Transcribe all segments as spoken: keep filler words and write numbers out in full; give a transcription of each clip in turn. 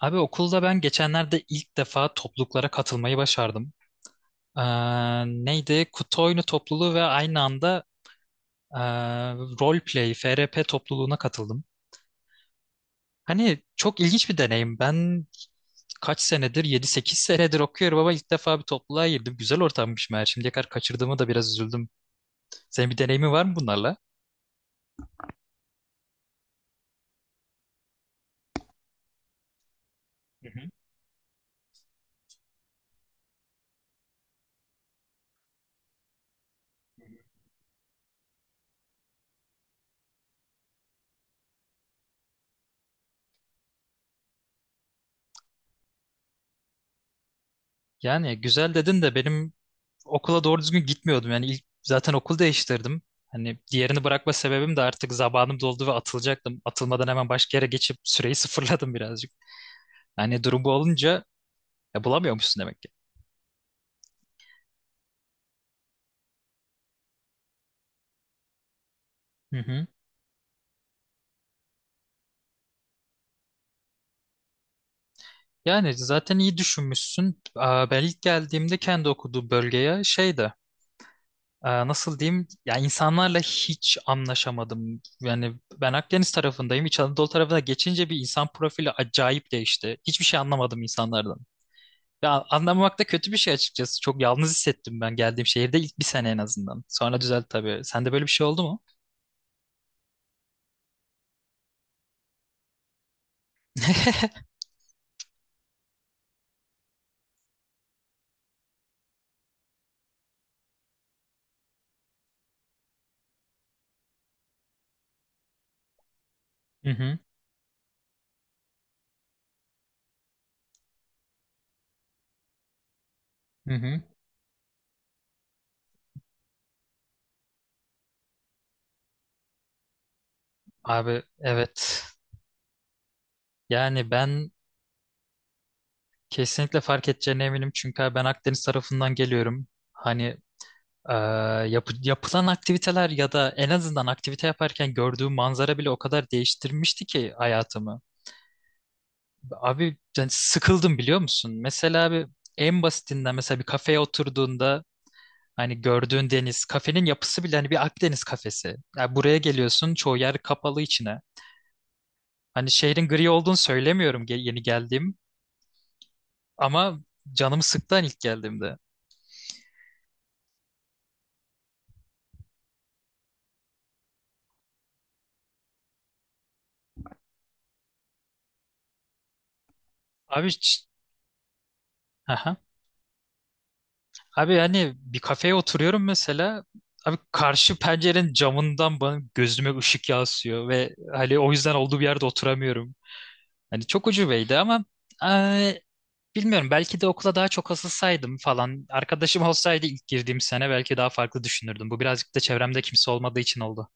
Abi okulda ben geçenlerde ilk defa topluluklara katılmayı başardım. Ee, neydi? Kutu oyunu topluluğu ve aynı anda e, Roleplay, F R P topluluğuna katıldım. Hani çok ilginç bir deneyim. Ben kaç senedir, yedi sekiz senedir okuyorum ama ilk defa bir topluluğa girdim. Güzel ortammış meğer. Şimdiye kadar kaçırdığımı da biraz üzüldüm. Senin bir deneyimin var mı bunlarla? Hı hı. Yani güzel dedin de benim okula doğru düzgün gitmiyordum. Yani ilk zaten okul değiştirdim. Hani diğerini bırakma sebebim de artık zamanım doldu ve atılacaktım. Atılmadan hemen başka yere geçip süreyi sıfırladım birazcık. Yani durum bu olunca ya bulamıyormuşsun demek ki. Hı hı. Yani zaten iyi düşünmüşsün. Aa, Ben ilk geldiğimde kendi okuduğum bölgeye şeydi. Aa, Nasıl diyeyim? Ya insanlarla hiç anlaşamadım. Yani ben Akdeniz tarafındayım. İç Anadolu tarafına geçince bir insan profili acayip değişti. Hiçbir şey anlamadım insanlardan. Ya anlamamak da kötü bir şey açıkçası. Çok yalnız hissettim ben geldiğim şehirde ilk bir sene en azından. Sonra düzeldi tabii. Sende böyle bir şey oldu mu? Hı hı, hı hı. Abi evet. Yani ben kesinlikle fark edeceğine eminim. Çünkü abi ben Akdeniz tarafından geliyorum. Hani eee, yapı- yapılan aktiviteler ya da en azından aktivite yaparken gördüğüm manzara bile o kadar değiştirmişti ki hayatımı. Abi yani sıkıldım biliyor musun? Mesela abi en basitinden mesela bir kafeye oturduğunda hani gördüğün deniz, kafenin yapısı bile hani bir Akdeniz kafesi. Yani buraya geliyorsun, çoğu yer kapalı içine. Hani şehrin gri olduğunu söylemiyorum ge- yeni geldiğim ama canımı sıktı hani ilk geldiğimde. Abi ç- aha. Abi hani bir kafeye oturuyorum mesela. Abi karşı pencerenin camından bana gözüme ışık yansıyor ve hani o yüzden olduğu bir yerde oturamıyorum. Hani çok ucubeydi ama bilmiyorum belki de okula daha çok asılsaydım falan. Arkadaşım olsaydı ilk girdiğim sene belki daha farklı düşünürdüm. Bu birazcık da çevremde kimse olmadığı için oldu.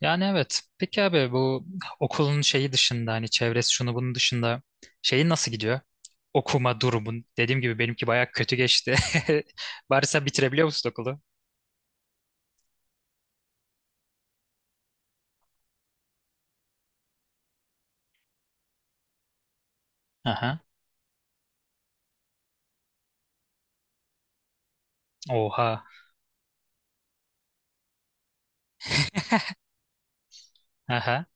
Yani evet. Peki abi bu okulun şeyi dışında hani çevresi şunu bunun dışında şeyi nasıl gidiyor? Okuma durumun. Dediğim gibi benimki bayağı kötü geçti. Bari sen bitirebiliyor musun okulu? Aha. Oha. Aha.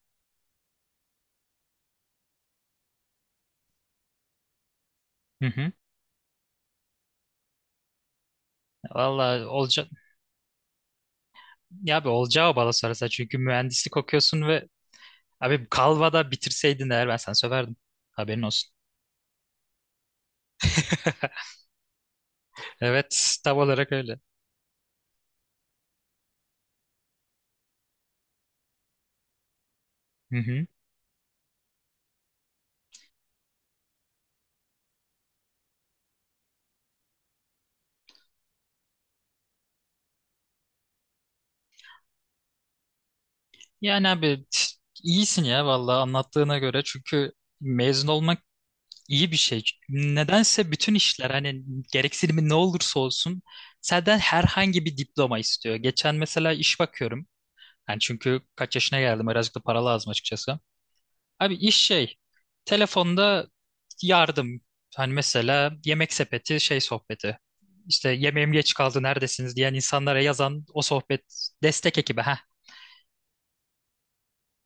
Hı hı. Valla olaca ya abi olacağı bana sorarsa çünkü mühendislik okuyorsun ve abi Kalva'da bitirseydin eğer ben sana söverdim. Haberin olsun. Evet, tam olarak öyle. Hı hı. Yani abi iyisin ya vallahi anlattığına göre çünkü mezun olmak iyi bir şey. Nedense bütün işler hani gereksinimi ne olursa olsun senden herhangi bir diploma istiyor. Geçen mesela iş bakıyorum. Yani çünkü kaç yaşına geldim birazcık da para lazım açıkçası. Abi iş şey. Telefonda yardım. Hani mesela yemek sepeti şey sohbeti. İşte yemeğim geç kaldı neredesiniz diyen insanlara yazan o sohbet destek ekibi. Ha.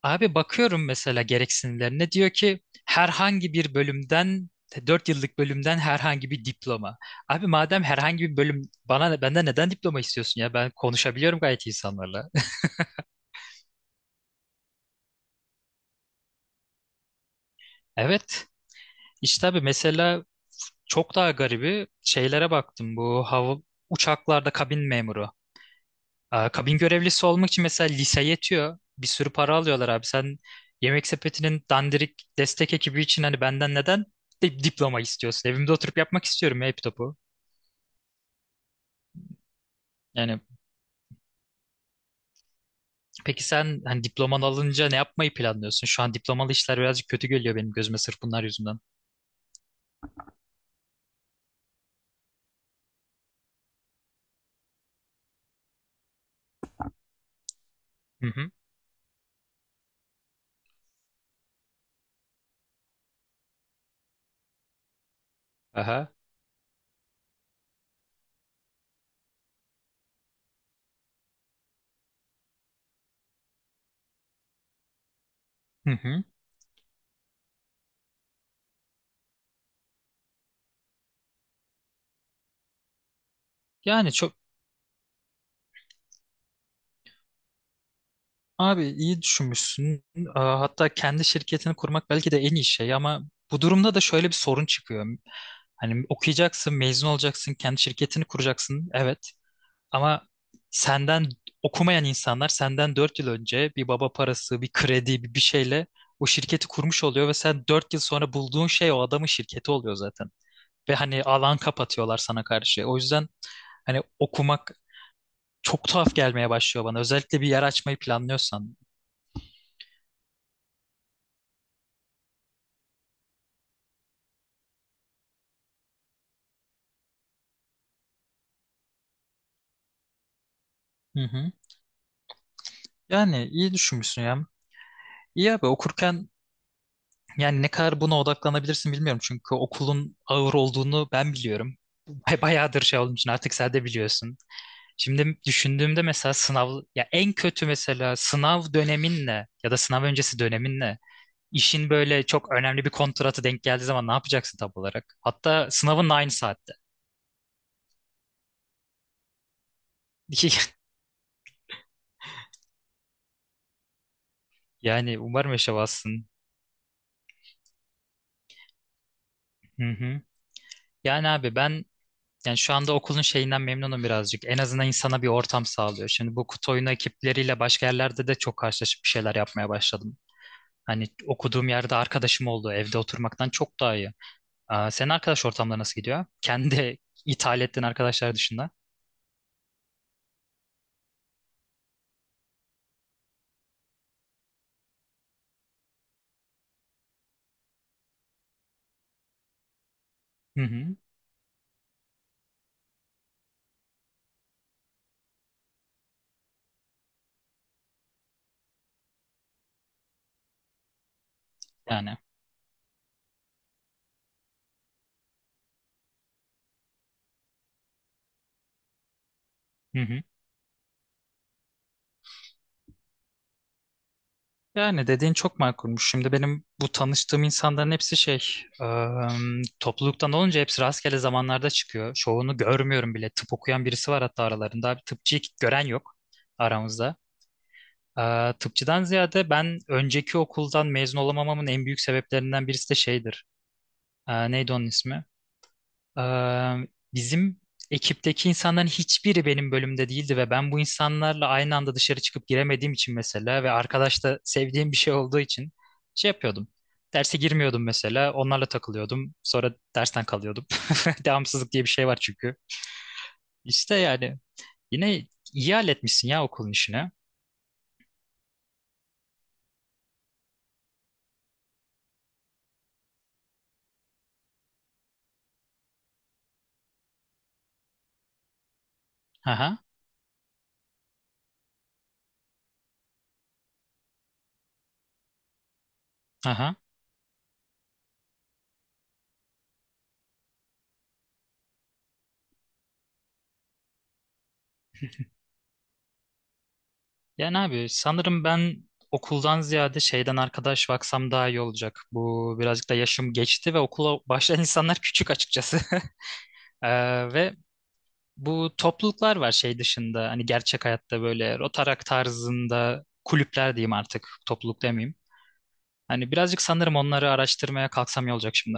Abi bakıyorum mesela gereksinimlerine diyor ki herhangi bir bölümden e, dört yıllık bölümden herhangi bir diploma. Abi madem herhangi bir bölüm bana benden neden diploma istiyorsun ya ben konuşabiliyorum gayet insanlarla. Evet. İşte abi mesela çok daha garibi şeylere baktım. Bu hava uçaklarda kabin memuru. Aa, kabin görevlisi olmak için mesela lise yetiyor. Bir sürü para alıyorlar abi. Sen Yemek Sepeti'nin dandirik destek ekibi için hani benden neden di- diploma istiyorsun? Evimde oturup yapmak istiyorum ya hep topu. Yani peki sen hani diploman alınca ne yapmayı planlıyorsun? Şu an diplomalı işler birazcık kötü geliyor benim gözüme sırf bunlar yüzünden. Hı hı. Aha. Hı hı. Yani çok Abi iyi düşünmüşsün. Aa, Hatta kendi şirketini kurmak belki de en iyi şey ama bu durumda da şöyle bir sorun çıkıyor. Hani okuyacaksın, mezun olacaksın, kendi şirketini kuracaksın. Evet. Ama senden okumayan insanlar senden dört yıl önce bir baba parası, bir kredi, bir bir şeyle o şirketi kurmuş oluyor ve sen dört yıl sonra bulduğun şey o adamın şirketi oluyor zaten. Ve hani alan kapatıyorlar sana karşı. O yüzden hani okumak çok tuhaf gelmeye başlıyor bana. Özellikle bir yer açmayı planlıyorsan. Hı hı. Yani iyi düşünmüşsün ya. İyi abi okurken yani ne kadar buna odaklanabilirsin bilmiyorum. Çünkü okulun ağır olduğunu ben biliyorum. Bay- Bayağıdır şey olduğum için artık sen de biliyorsun. Şimdi düşündüğümde mesela sınav ya en kötü mesela sınav döneminle ya da sınav öncesi döneminle İşin böyle çok önemli bir kontratı denk geldiği zaman ne yapacaksın tam olarak? Hatta sınavın da aynı saatte. Yani umarım yaşamazsın. Hı hı. Yani abi ben yani şu anda okulun şeyinden memnunum birazcık. En azından insana bir ortam sağlıyor. Şimdi bu kutu oyunu ekipleriyle başka yerlerde de çok karşılaşıp bir şeyler yapmaya başladım. Hani okuduğum yerde arkadaşım oldu. Evde oturmaktan çok daha iyi. Aa, senin arkadaş ortamları nasıl gidiyor? Kendi ithal ettiğin arkadaşlar dışında. Hı hı. Yani. Hı hı. Yani dediğin çok makulmuş. Şimdi benim bu tanıştığım insanların hepsi şey, ıı, topluluktan olunca hepsi rastgele zamanlarda çıkıyor. Çoğunu görmüyorum bile. Tıp okuyan birisi var hatta aralarında. Bir tıpçıyı gören yok aramızda. Ee, tıpçıdan ziyade ben önceki okuldan mezun olamamamın en büyük sebeplerinden birisi de şeydir. Ee, neydi onun ismi? Eee, bizim ekipteki insanların hiçbiri benim bölümde değildi ve ben bu insanlarla aynı anda dışarı çıkıp giremediğim için mesela ve arkadaş da sevdiğim bir şey olduğu için şey yapıyordum. Derse girmiyordum mesela. Onlarla takılıyordum. Sonra dersten kalıyordum. Devamsızlık diye bir şey var çünkü. İşte yani yine iyi halletmişsin ya okulun işini. Aha, aha. Yani abi sanırım ben okuldan ziyade şeyden arkadaş baksam daha iyi olacak. Bu birazcık da yaşım geçti ve okula başlayan insanlar küçük açıkçası. Ee, ve bu topluluklar var şey dışında hani gerçek hayatta böyle Rotaract tarzında kulüpler diyeyim artık topluluk demeyeyim. Hani birazcık sanırım onları araştırmaya kalksam iyi olacak şimdi.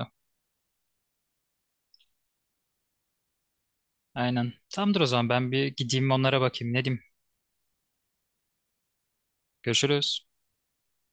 Aynen. Tamamdır o zaman ben bir gideyim onlara bakayım ne diyeyim. Görüşürüz.